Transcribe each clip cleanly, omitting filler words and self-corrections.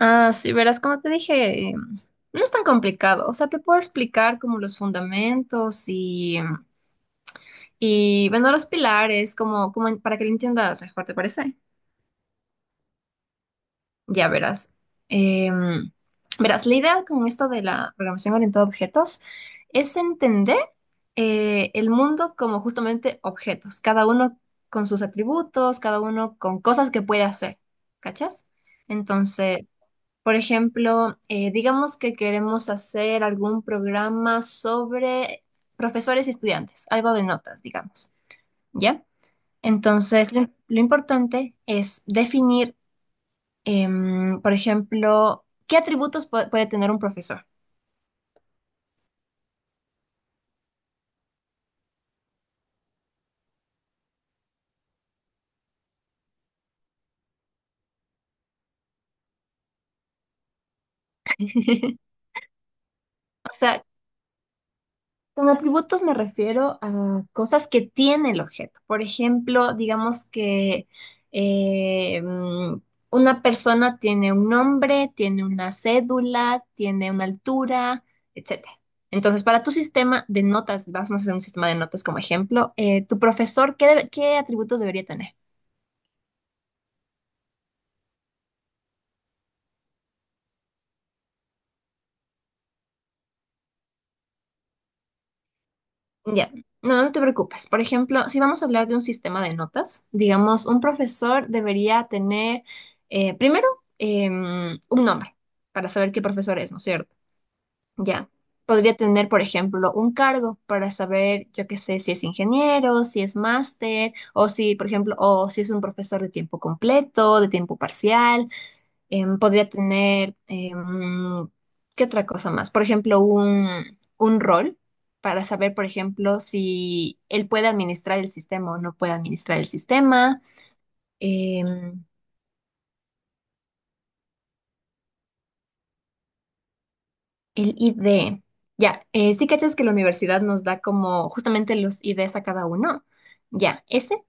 Ah, sí, verás, como te dije, no es tan complicado. O sea, te puedo explicar como los fundamentos y bueno, los pilares, como para que lo entiendas mejor, ¿te parece? Ya verás. Em, Verás, la idea con esto de la programación orientada a objetos es entender el mundo como justamente objetos, cada uno con sus atributos, cada uno con cosas que puede hacer, ¿cachas? Entonces. Por ejemplo, digamos que queremos hacer algún programa sobre profesores y estudiantes, algo de notas, digamos, ¿ya? Entonces, lo importante es definir, por ejemplo, qué atributos puede tener un profesor. O sea, con atributos me refiero a cosas que tiene el objeto. Por ejemplo, digamos que eh, mm, una persona tiene un nombre, tiene una cédula, tiene una altura, etcétera. Entonces, para tu sistema de notas, vamos a hacer un sistema de notas como ejemplo, tu profesor, ¿qué atributos debería tener? Ya, no, no te preocupes. Por ejemplo, si vamos a hablar de un sistema de notas, digamos, un profesor debería tener primero un nombre para saber qué profesor es, ¿no es cierto? Ya. Podría tener, por ejemplo, un cargo para saber, yo qué sé, si es ingeniero, si es máster, o si, por ejemplo, o si es un profesor de tiempo completo, de tiempo parcial. Podría tener, ¿qué otra cosa más? Por ejemplo, un rol para saber, por ejemplo, si él puede administrar el sistema o no puede administrar el sistema. Em, el ID. Ya, sí cachas que la universidad nos da como justamente los IDs a cada uno. Ya, ese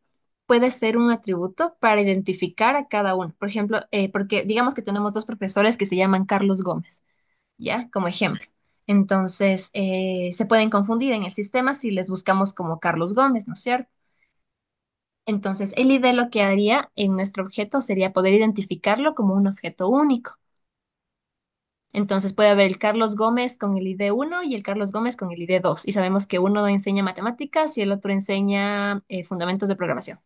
puede ser un atributo para identificar a cada uno. Por ejemplo, porque digamos que tenemos dos profesores que se llaman Carlos Gómez. ¿Ya? Como ejemplo. Entonces, se pueden confundir en el sistema si les buscamos como Carlos Gómez, ¿no es cierto? Entonces, el ID lo que haría en nuestro objeto sería poder identificarlo como un objeto único. Entonces, puede haber el Carlos Gómez con el ID uno y el Carlos Gómez con el ID dos. Y sabemos que uno enseña matemáticas y el otro enseña fundamentos de programación.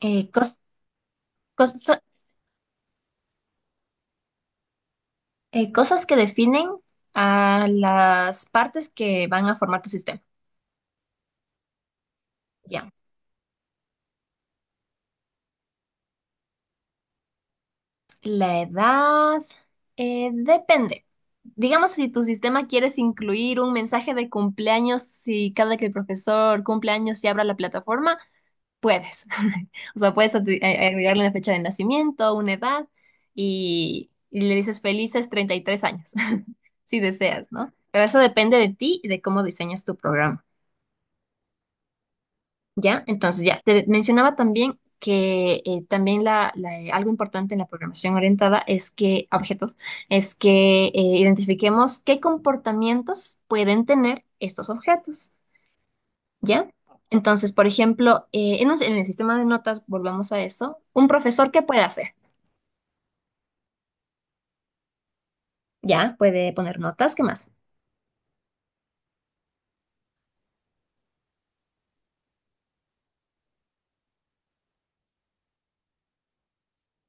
Eh, cos- cos- Cosas que definen a las partes que van a formar tu sistema. Ya. La edad depende. Digamos, si tu sistema quieres incluir un mensaje de cumpleaños, si cada que el profesor cumpleaños y abra la plataforma, puedes. O sea, agregarle una fecha de nacimiento, una edad y le dices felices 33 años, si deseas, ¿no? Pero eso depende de ti y de cómo diseñas tu programa. ¿Ya? Entonces, ya, te mencionaba también que también algo importante en la programación orientada es que, a objetos, es que identifiquemos qué comportamientos pueden tener estos objetos, ¿ya? Entonces, por ejemplo, en el sistema de notas, volvamos a eso, un profesor, ¿qué puede hacer? ¿Ya? Puede poner notas, ¿qué más?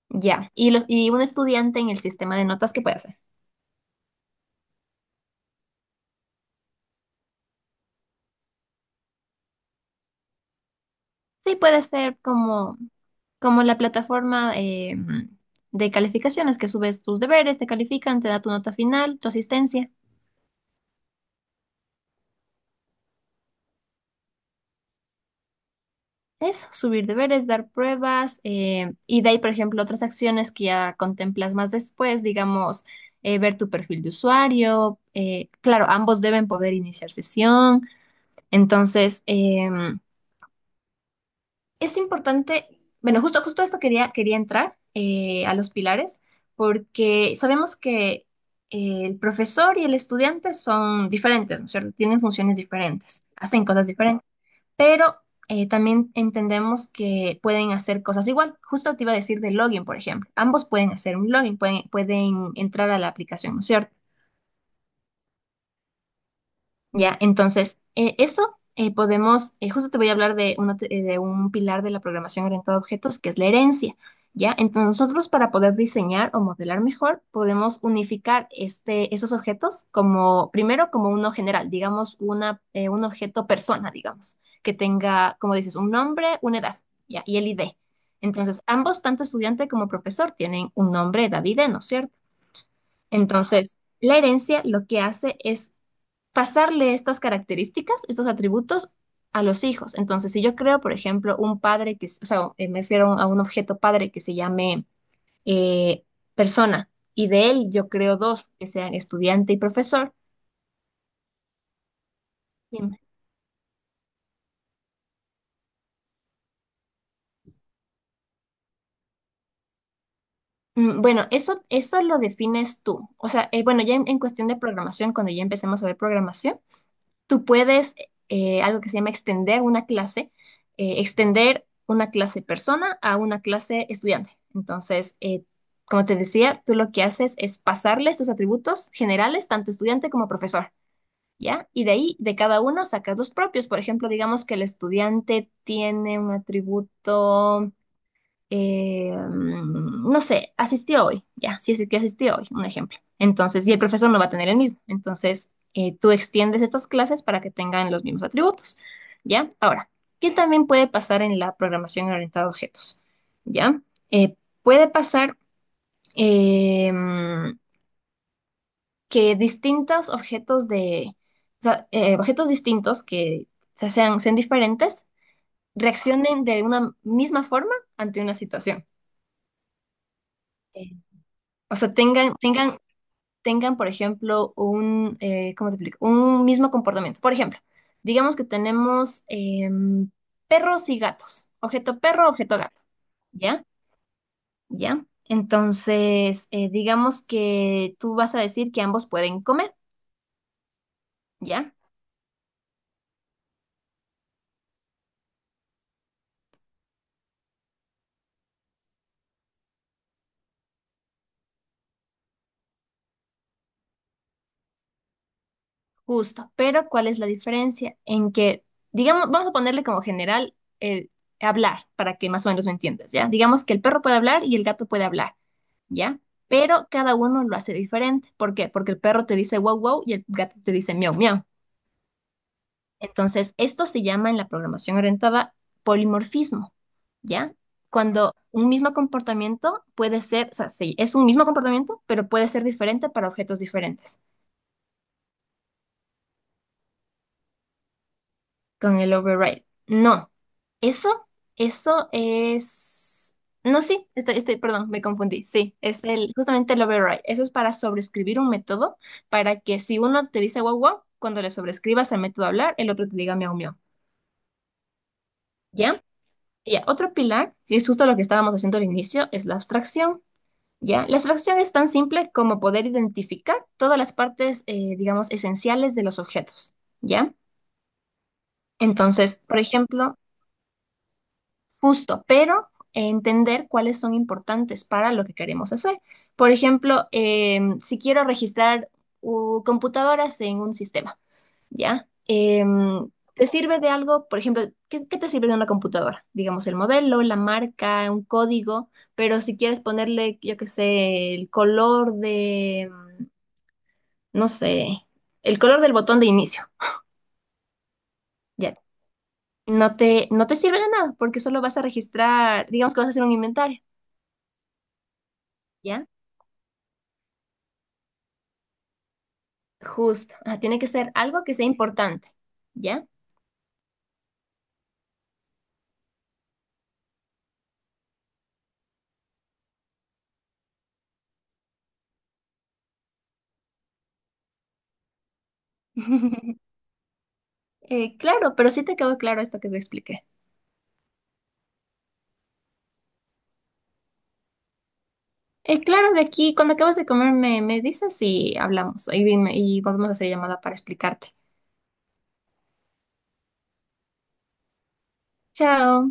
Ya. Y un estudiante en el sistema de notas, ¿qué puede hacer? Sí, puede ser como la plataforma de calificaciones, que subes tus deberes, te califican, te da tu nota final, tu asistencia. Eso, subir deberes, dar pruebas, y de ahí, por ejemplo, otras acciones que ya contemplas más después, digamos, ver tu perfil de usuario. Claro, ambos deben poder iniciar sesión. Entonces, es importante, bueno, justo esto quería entrar a los pilares, porque sabemos que el profesor y el estudiante son diferentes, ¿no es cierto? Tienen funciones diferentes, hacen cosas diferentes, pero también entendemos que pueden hacer cosas igual. Justo te iba a decir de login, por ejemplo. Ambos pueden hacer un login, pueden entrar a la aplicación, ¿no es cierto? Ya, entonces, eso podemos, justo te voy a hablar de, de un pilar de la programación orientada a objetos, que es la herencia. Ya, entonces nosotros para poder diseñar o modelar mejor, podemos unificar este, esos objetos como, primero como uno general, digamos, un objeto persona, digamos, que tenga, como dices, un nombre, una edad, ya, y el ID. Entonces, ambos, tanto estudiante como profesor, tienen un nombre, edad, ID, ¿no es cierto? Entonces, la herencia lo que hace es pasarle estas características, estos atributos a los hijos. Entonces, si yo creo, por ejemplo, un padre o sea, me refiero a un objeto padre que se llame eh, persona, y de él yo creo dos que sean estudiante y profesor. Dime. Bueno, eso lo defines tú. O sea, bueno, ya en cuestión de programación, cuando ya empecemos a ver programación, tú puedes, algo que se llama extender una clase persona a una clase estudiante. Entonces, como te decía, tú lo que haces es pasarle estos atributos generales, tanto estudiante como profesor, ¿ya? Y de ahí, de cada uno, sacas los propios. Por ejemplo, digamos que el estudiante tiene un atributo no sé, asistió hoy, ya, si es que asistió hoy, un ejemplo. Entonces, y el profesor no va a tener el mismo. Entonces, tú extiendes estas clases para que tengan los mismos atributos, ¿ya? Ahora, ¿qué también puede pasar en la programación orientada a objetos? ¿Ya? Eh, Puede pasar eh, mm, que distintos objetos o sea, objetos distintos que sean diferentes, reaccionen de una misma forma ante una situación. Eh, O sea, tengan, por ejemplo, ¿cómo te explico? Un mismo comportamiento. Por ejemplo, digamos que tenemos perros y gatos. Objeto perro, objeto gato. ¿Ya? ¿Ya? Entonces, digamos que tú vas a decir que ambos pueden comer, ¿ya? Justo, pero ¿cuál es la diferencia? En que, digamos, vamos a ponerle como general el hablar, para que más o menos me entiendas, ¿ya? Digamos que el perro puede hablar y el gato puede hablar, ¿ya? Pero cada uno lo hace diferente. ¿Por qué? Porque el perro te dice wow, wow y el gato te dice miau, miau. Entonces, esto se llama en la programación orientada polimorfismo, ¿ya? Cuando un mismo comportamiento puede ser, o sea, sí, es un mismo comportamiento, pero puede ser diferente para objetos diferentes. Con el override. No, eso, eso es. No, sí, estoy, perdón, me confundí. Sí, es justamente el override. Eso es para sobreescribir un método para que si uno te dice guau guau, cuando le sobreescribas al método hablar, el otro te diga miau miau. ¿Ya? Ya, otro pilar, que es justo lo que estábamos haciendo al inicio, es la abstracción. ¿Ya? La abstracción es tan simple como poder identificar todas las partes, digamos, esenciales de los objetos. ¿Ya? Entonces, por ejemplo, justo, pero entender cuáles son importantes para lo que queremos hacer. Por ejemplo, si quiero registrar computadoras en un sistema, ¿ya? Em, ¿Te sirve de algo? Por ejemplo, ¿qué te sirve de una computadora? Digamos, el modelo, la marca, un código, pero si quieres ponerle, yo qué sé, el color de, no sé, el color del botón de inicio, ¿ya? No te sirve de nada porque solo vas a registrar, digamos que vas a hacer un inventario. ¿Ya? Justo, ah, tiene que ser algo que sea importante, ¿ya? Claro, pero sí te quedó claro esto que te expliqué. Claro, de aquí, cuando acabas de comer, me dices y hablamos y volvemos a hacer llamada para explicarte. Chao.